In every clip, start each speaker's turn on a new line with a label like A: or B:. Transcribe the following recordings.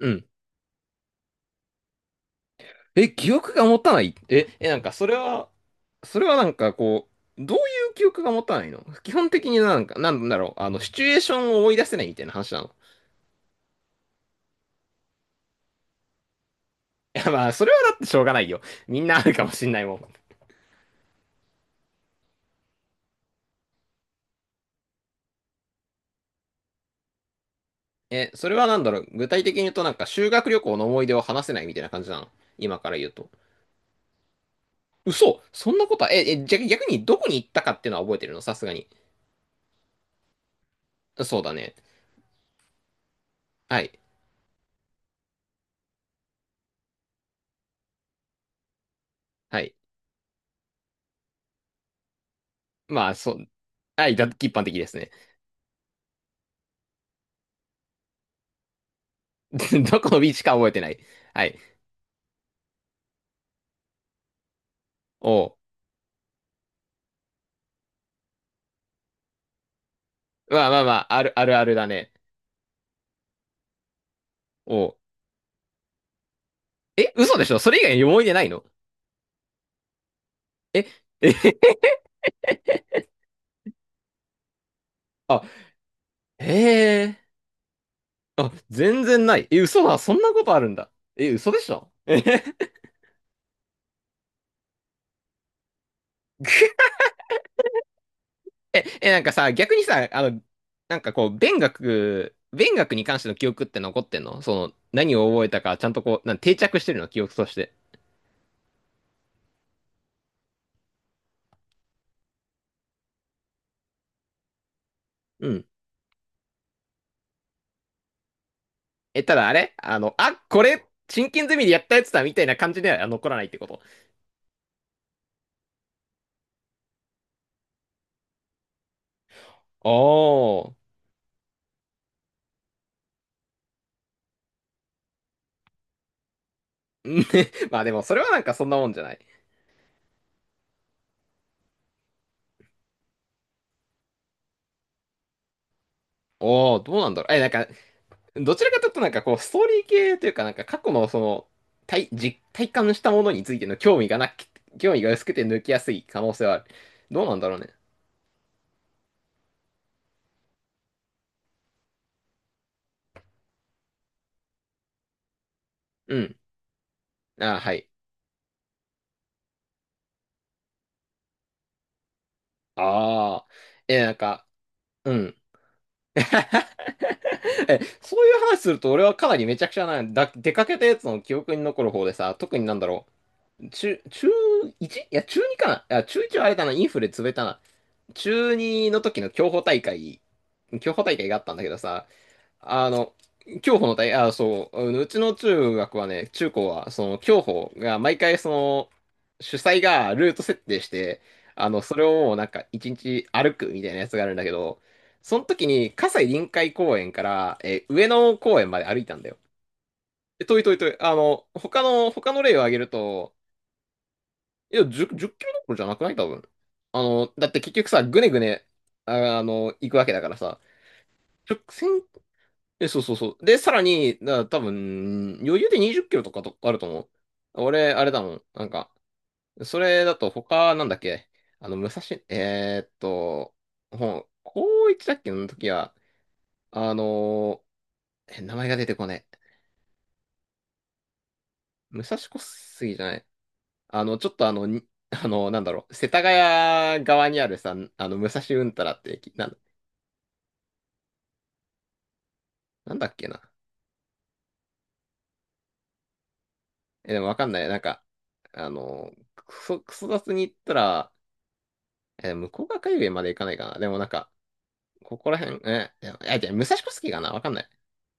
A: うん。記憶が持たない。なんかそれはなんかこう、どういう記憶が持たないの基本的になんか、なんだろう、シチュエーションを思い出せないみたいな話なの。いや、まあ、それはだってしょうがないよ。みんなあるかもしんないもん。それはなんだろう、具体的に言うとなんか修学旅行の思い出を話せないみたいな感じなの。今から言うと。嘘そんなことは、じゃ、逆にどこに行ったかっていうのは覚えてるのさすがに。そうだね。はい。はい。まあ、そう。はい、一般的ですね。どこのビーチか覚えてない。はい。おう。まあまあまあ、あるあるだね。おう。嘘でしょ、それ以外に思い出ないの？え、え、あ、へえ。あ、全然ない。え、嘘だ。そんなことあるんだ。え、嘘でしょ、なんかさ、逆にさ、なんかこう、勉学に関しての記憶って残ってんの、その、何を覚えたか、ちゃんとこう、定着してるの、記憶として。うん。ただあれ、あ、これ、真剣ゼミでやったやつだ、みたいな感じでは残らないってこと。おー。まあでもそれはなんかそんなもんじゃない。おお、どうなんだろう。え、なんか、どちらかというとなんかこう、ストーリー系というかなんか過去のその、体感したものについての興味がなく、興味が薄くて抜きやすい可能性はある。どうなんだろうね。うん。あー、はい。ああ。え、なんか、うん。そういう話すると俺はかなりめちゃくちゃな、出かけたやつの記憶に残る方でさ、特になんだろう。中 1? いや、中2かな。あ、中1はあれだな、インフレ潰れたな。中二の時の競歩大会があったんだけどさ、あの、競歩の大、あ、そう、うちの中学はね、中高は、その競歩が毎回、その、主催がルート設定して、それをもうなんか一日歩くみたいなやつがあるんだけど、その時に、葛西臨海公園から、上野公園まで歩いたんだよ。遠い遠い遠い。他の例を挙げると、いや、10、10キロどころじゃなくない、多分。だって結局さ、ぐねぐね、行くわけだからさ、直線、そうそうそう。で、さらに、多分、余裕で20キロとかとあると思う。俺、あれだもん。なんか、それだとなんだっけ、あの、武蔵、えーっと、高一だっけの時は、あの名前が出てこない。武蔵小杉じゃない。ちょっとなんだろう、世田谷側にあるさ、武蔵うんたらって駅、なんだっけな。でもわかんない。なんか、クソ雑に言ったら、向こうが海まで行かないかな。でもなんか、ここら辺、いや、いや、じゃあ武蔵小杉かな、わかんない。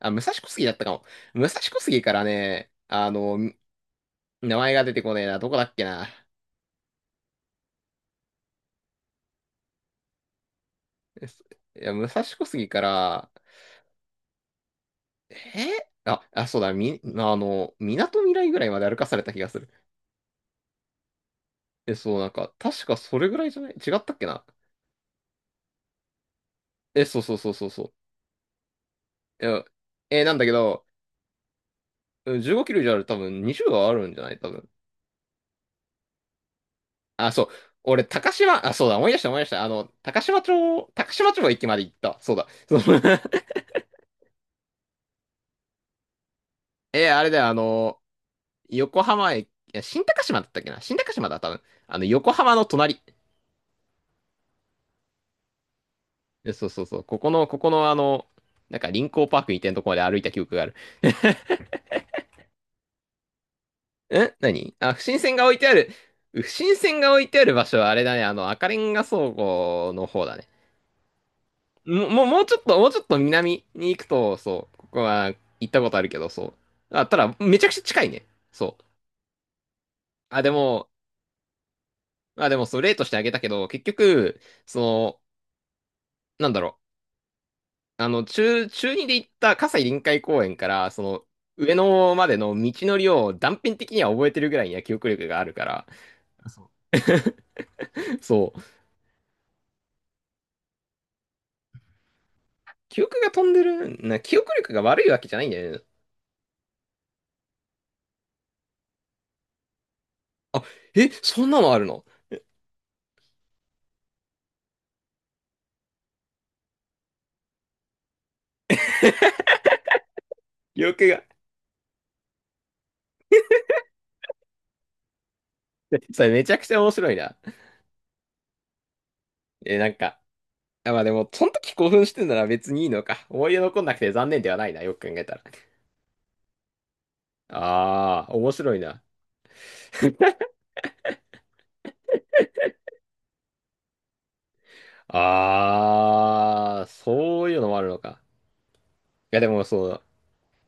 A: あ、武蔵小杉だったかも。武蔵小杉からね、名前が出てこねえな。どこだっけな。えすいや、武蔵小杉から、あ、そうだ、み、あの、港未来ぐらいまで歩かされた気がする。そう、なんか、確かそれぐらいじゃない、違ったっけな。そうそうそうそうそう。いや、なんだけど、うん、15キロ以上ある、多分20はあるんじゃない、多分。あ、そう。俺、あ、そうだ、思い出した、思い出した。高島町駅まで行った。そうだ。そう。 あれだよ、横浜駅、いや、新高島だったっけな、新高島だ、多分。横浜の隣。そうそうそう。ここの、臨港パークみたいなとこまで歩いた記憶がある。何？あ、不審船が置いてある。不審船が置いてある場所はあれだね、赤レンガ倉庫の方だね。もう、もうちょっと南に行くと、そう、ここは行ったことあるけど、そう。あ、ただ、めちゃくちゃ近いね。そう。あ、でも、あ、でも、そう、例としてあげたけど、結局、その、なんだろう。中2で行った葛西臨海公園から、その、上野までの道のりを断片的には覚えてるぐらいには記憶力があるから、あ、そう。そう。記憶が飛んでる、記憶力が悪いわけじゃないんだよね。あ、そんなのあるの、記憶が。それめちゃくちゃ面白いな。え、なんか、あ、まあでも、その時興奮してんなら別にいいのか。思い出残んなくて残念ではないな、よく考えたら。ああ、面白いな。ああ、そういうのもあるのか。いやでもそう、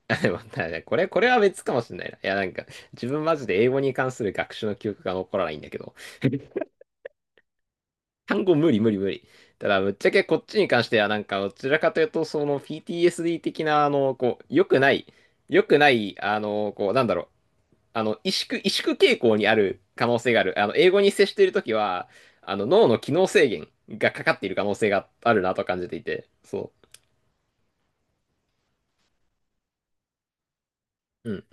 A: あ、でも、だね、これは別かもしれないな。いやなんか、自分マジで英語に関する学習の記憶が残らないんだけど、単語無理無理無理。ただ、ぶっちゃけこっちに関してはなんか、どちらかというと、その PTSD 的な、良くない、なんだろう、萎縮傾向にある可能性がある。英語に接しているときは、脳の機能制限がかかっている可能性があるなと感じていて、そう。うん。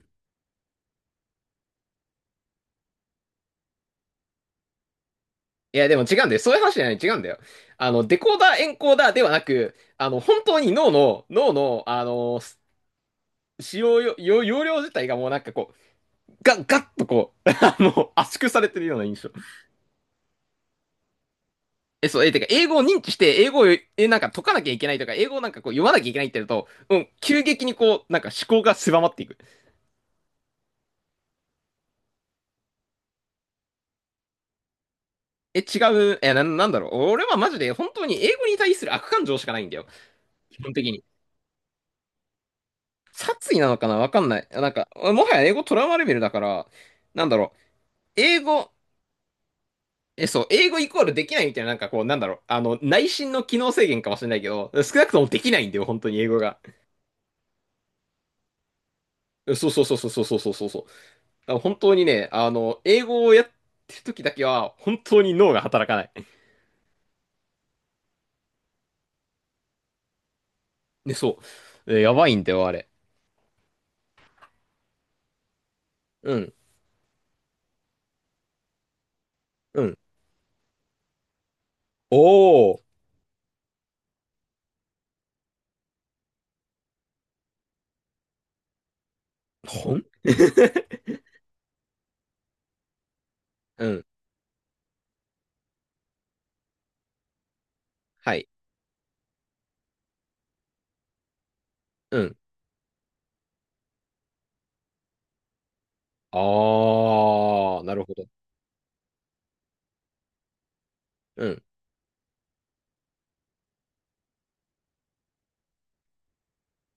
A: いや、でも違うんだよ。そういう話じゃない、違うんだよ。デコーダー、エンコーダーではなく、本当に脳の、使用よ、よ容量自体がもうなんかこう、ガッとこう、圧縮されてるような印象。そう、てか、英語を認知して、英語を、え、なんか解かなきゃいけないとか、英語をなんかこう読まなきゃいけないってなると、うん、急激にこう、なんか思考が狭まっていく。違う。なんだろう。俺はマジで本当に英語に対する悪感情しかないんだよ。基本的に。殺意なのかな、わかんない。なんか、もはや英語トラウマレベルだから、なんだろう。英語、え、そう、英語イコールできないみたいな、なんかこう、なんだろう。内心の機能制限かもしれないけど、少なくともできないんだよ、本当に英語が。そうそうそうそうそうそうそうそうそう。だから本当にね、英語をやってる時だけは、本当に脳が働かない。で、そう。やばいんだよ、あれ。うん。うん。おー。ほん。 うん。はい。うん。ああ、なるほど。うん。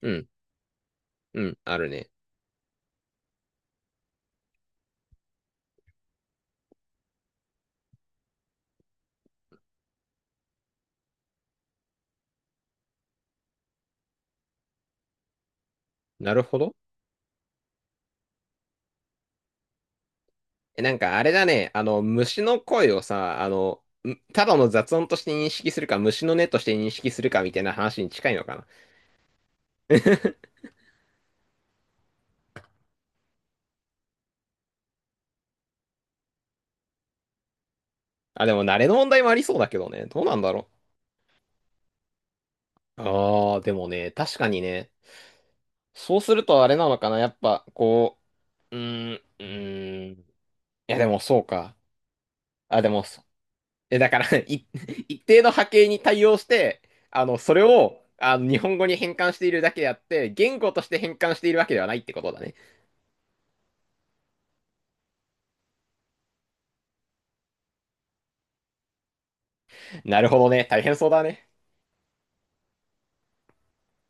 A: うん。うん。あるね。なるほど。なんかあれだね。虫の声をさ、ただの雑音として認識するか、虫の音として認識するかみたいな話に近いのかな。あ、でも慣れの問題もありそうだけどね。どうなんだろう。ああ、でもね、確かにね。そうするとあれなのかな。やっぱ、こう、うーん、うーん。いや、でもそうか。あ、でも、だから、一定の波形に対応して、それを、日本語に変換しているだけであって、言語として変換しているわけではないってことだね。なるほどね。大変そうだね。